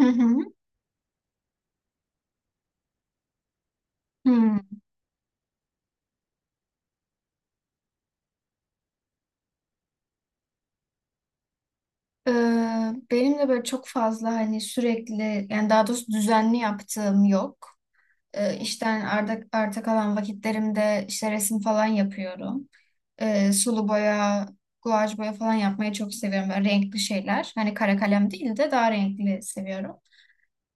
Hı hı. Hı. Benim de böyle çok fazla hani sürekli yani daha doğrusu düzenli yaptığım yok. İşten arta kalan vakitlerimde işte resim falan yapıyorum. Sulu boya, guaj boya falan yapmayı çok seviyorum. Böyle renkli şeyler. Hani kara kalem değil de daha renkli seviyorum.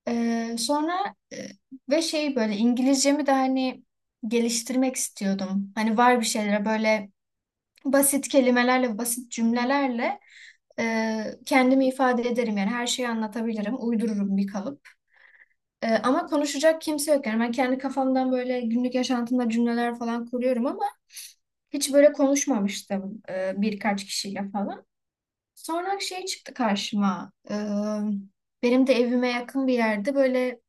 Ee, sonra e, ve şey böyle İngilizcemi de hani geliştirmek istiyordum. Hani var bir şeylere böyle basit kelimelerle, basit cümlelerle kendimi ifade ederim yani her şeyi anlatabilirim. Uydururum bir kalıp. Ama konuşacak kimse yok. Yani ben kendi kafamdan böyle günlük yaşantımda cümleler falan kuruyorum ama hiç böyle konuşmamıştım birkaç kişiyle falan. Sonra şey çıktı karşıma. Benim de evime yakın bir yerde böyle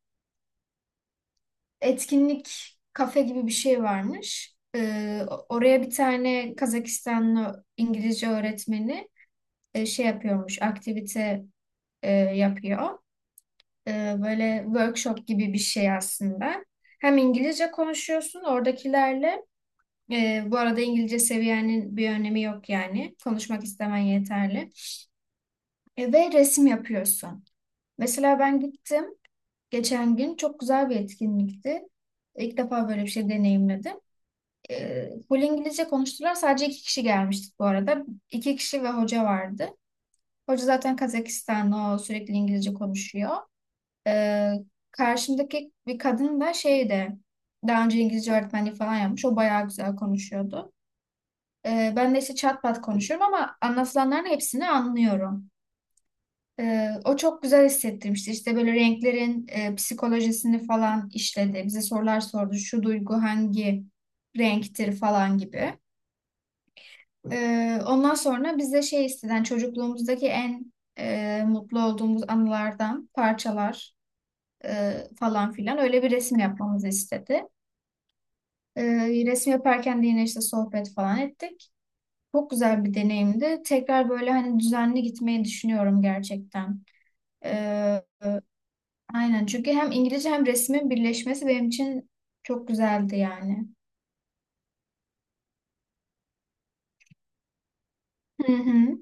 etkinlik kafe gibi bir şey varmış. Oraya bir tane Kazakistanlı İngilizce öğretmeni şey yapıyormuş, aktivite yapıyor. Böyle workshop gibi bir şey aslında. Hem İngilizce konuşuyorsun oradakilerle. E, bu arada İngilizce seviyenin bir önemi yok yani. Konuşmak istemen yeterli. Ve resim yapıyorsun. Mesela ben gittim geçen gün. Çok güzel bir etkinlikti. İlk defa böyle bir şey deneyimledim. Full İngilizce konuştular. Sadece iki kişi gelmiştik bu arada. İki kişi ve hoca vardı. Hoca zaten Kazakistanlı, o sürekli İngilizce konuşuyor. Ee, Karşımdaki bir kadın da şeyde daha önce İngilizce öğretmenliği falan yapmış. O bayağı güzel konuşuyordu. Ben de işte çat pat konuşuyorum ama anlatılanların hepsini anlıyorum. O çok güzel hissettirmişti. İşte böyle renklerin psikolojisini falan işledi. Bize sorular sordu. Şu duygu hangi renktir falan gibi. Ondan sonra bize şey isteden çocukluğumuzdaki en mutlu olduğumuz anılardan parçalar e, falan filan öyle bir resim yapmamızı istedi. E, Resim yaparken de yine işte sohbet falan ettik. Çok güzel bir deneyimdi. Tekrar böyle hani düzenli gitmeyi düşünüyorum gerçekten. E, e, aynen çünkü hem İngilizce hem resmin birleşmesi benim için çok güzeldi yani. Hı hı.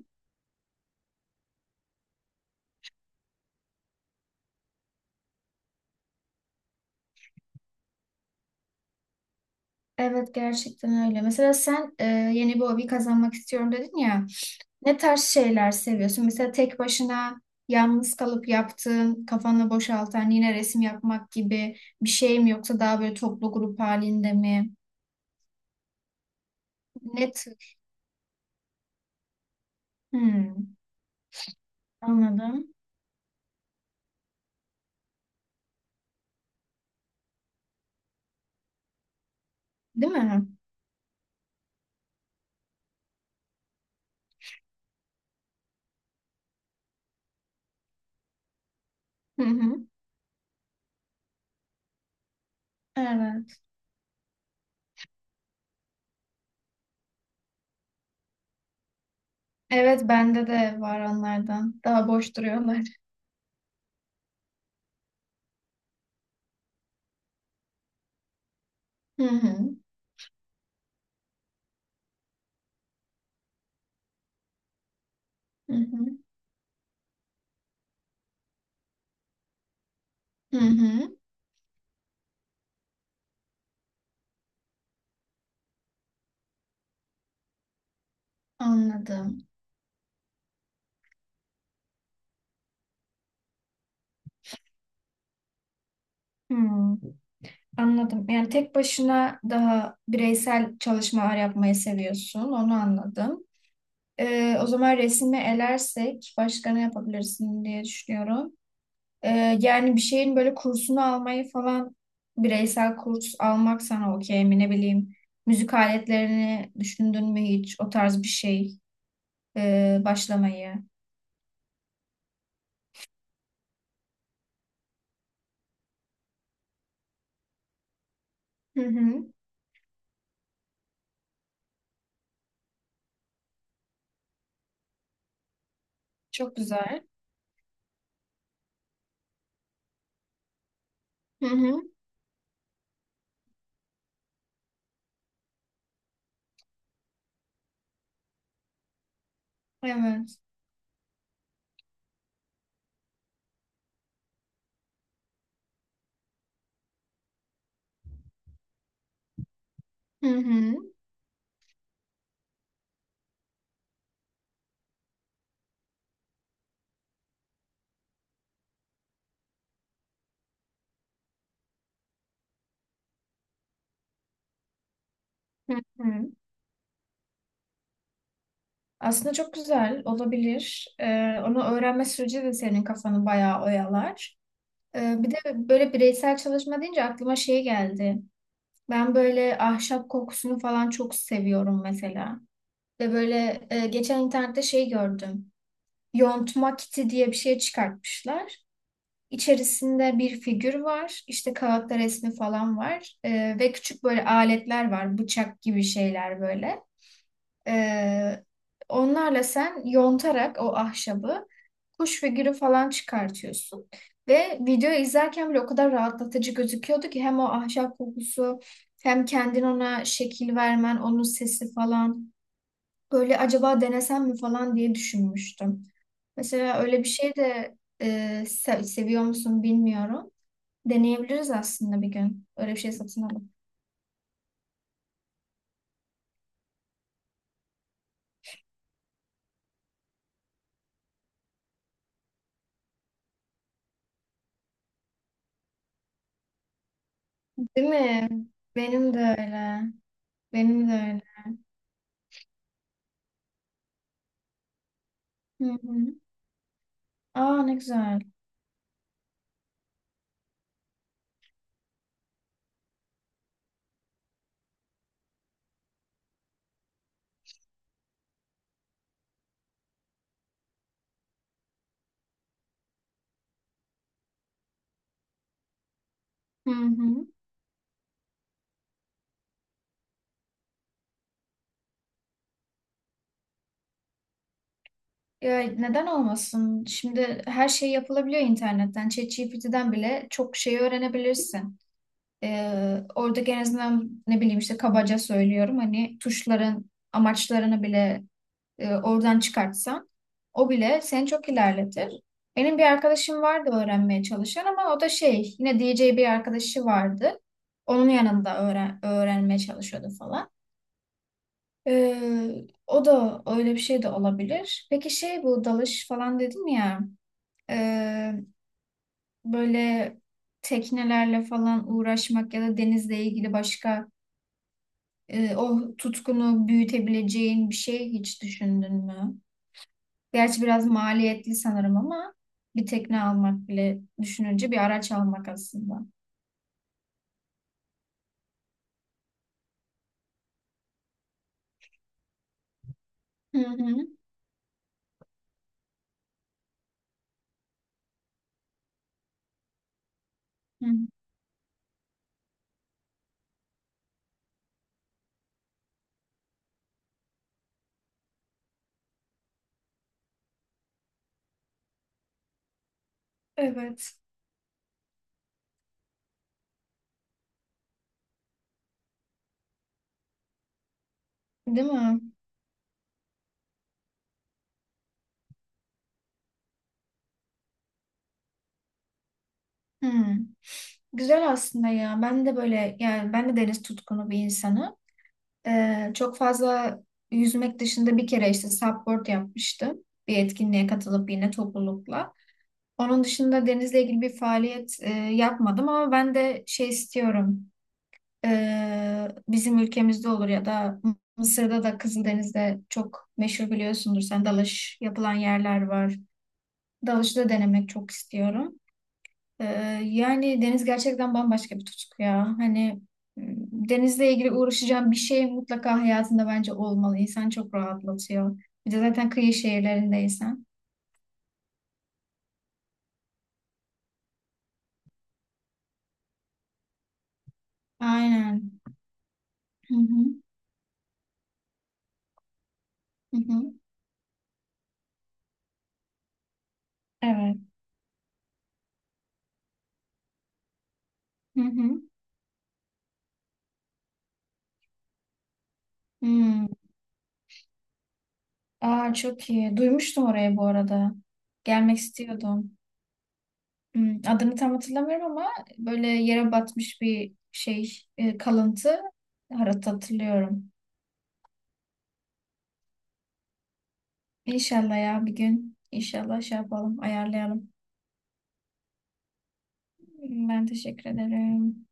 Evet gerçekten öyle. Mesela sen yeni bir hobi kazanmak istiyorum dedin ya. Ne tarz şeyler seviyorsun? Mesela tek başına yalnız kalıp yaptığın, kafanı boşaltan, yine resim yapmak gibi bir şey mi yoksa daha böyle toplu grup halinde mi? Ne tür? Hmm, anladım. Değil mi? Hı hı. Evet. Evet bende de var onlardan. Daha boş duruyorlar. Hı hı. Hı hı. Hı hı. Anladım. Hmm, anladım. Yani tek başına daha bireysel çalışmalar yapmayı seviyorsun. Onu anladım. O zaman resmi elersek başka ne yapabilirsin diye düşünüyorum. Yani bir şeyin böyle kursunu almayı falan bireysel kurs almak sana okey mi ne bileyim. Müzik aletlerini düşündün mü hiç o tarz bir şey başlamayı? Hı hı. Çok güzel. Hı hı. Evet. Hı hı. Hı hı. Aslında çok güzel olabilir. Onu öğrenme süreci de senin kafanı bayağı oyalar. Bir de böyle bireysel çalışma deyince aklıma şey geldi. Ben böyle ahşap kokusunu falan çok seviyorum mesela. Ve böyle geçen internette şey gördüm. Yontma kiti diye bir şey çıkartmışlar. İçerisinde bir figür var. İşte kağıtta resmi falan var. E, ve küçük böyle aletler var. Bıçak gibi şeyler böyle. E, Onlarla sen yontarak o ahşabı kuş figürü falan çıkartıyorsun. Ve videoyu izlerken bile o kadar rahatlatıcı gözüküyordu ki hem o ahşap kokusu hem kendin ona şekil vermen, onun sesi falan. Böyle acaba denesem mi falan diye düşünmüştüm. Mesela öyle bir şey de seviyor musun bilmiyorum. Deneyebiliriz aslında bir gün. Öyle bir şey satın alalım. Değil mi? Benim de öyle. Benim de öyle. Hı hı. Aa ne güzel. Hı hı. Ya neden olmasın? Şimdi her şey yapılabiliyor internetten. ChatGPT'den bile çok şey öğrenebilirsin. Orada en azından ne bileyim işte kabaca söylüyorum hani tuşların amaçlarını bile oradan çıkartsan o bile seni çok ilerletir. Benim bir arkadaşım vardı öğrenmeye çalışan ama o da şey yine D J bir arkadaşı vardı. Onun yanında öğrenmeye çalışıyordu falan. Ee, O da öyle bir şey de olabilir. Peki şey bu dalış falan dedim ya e, böyle teknelerle falan uğraşmak ya da denizle ilgili başka o tutkunu büyütebileceğin bir şey hiç düşündün mü? Gerçi biraz maliyetli sanırım ama bir tekne almak bile düşününce bir araç almak aslında. Hı hı. Hı. Evet. Değil mi? Hı. Güzel aslında ya. Ben de böyle yani ben de deniz tutkunu bir insanım. Çok fazla yüzmek dışında bir kere işte supboard yapmıştım. Bir etkinliğe katılıp yine toplulukla. Onun dışında denizle ilgili bir faaliyet yapmadım ama ben de şey istiyorum. Bizim ülkemizde olur ya da Mısır'da da Kızıldeniz'de çok meşhur biliyorsundur sen dalış yapılan yerler var. Dalışı da denemek çok istiyorum. Ee, Yani deniz gerçekten bambaşka bir tutku ya. Hani m, denizle ilgili uğraşacağım bir şey mutlaka hayatında bence olmalı. İnsan çok rahatlatıyor. Bir de zaten kıyı şehirlerindeysen. Aynen. Hı hı. Hı hı. Evet. Hı hı. Hmm. Aa, çok iyi. Duymuştum orayı bu arada. Gelmek istiyordum. Hmm, adını tam hatırlamıyorum ama böyle yere batmış bir şey kalıntı harita hatırlıyorum. İnşallah ya bir gün. İnşallah şey yapalım, ayarlayalım. Tamam, ben teşekkür ederim.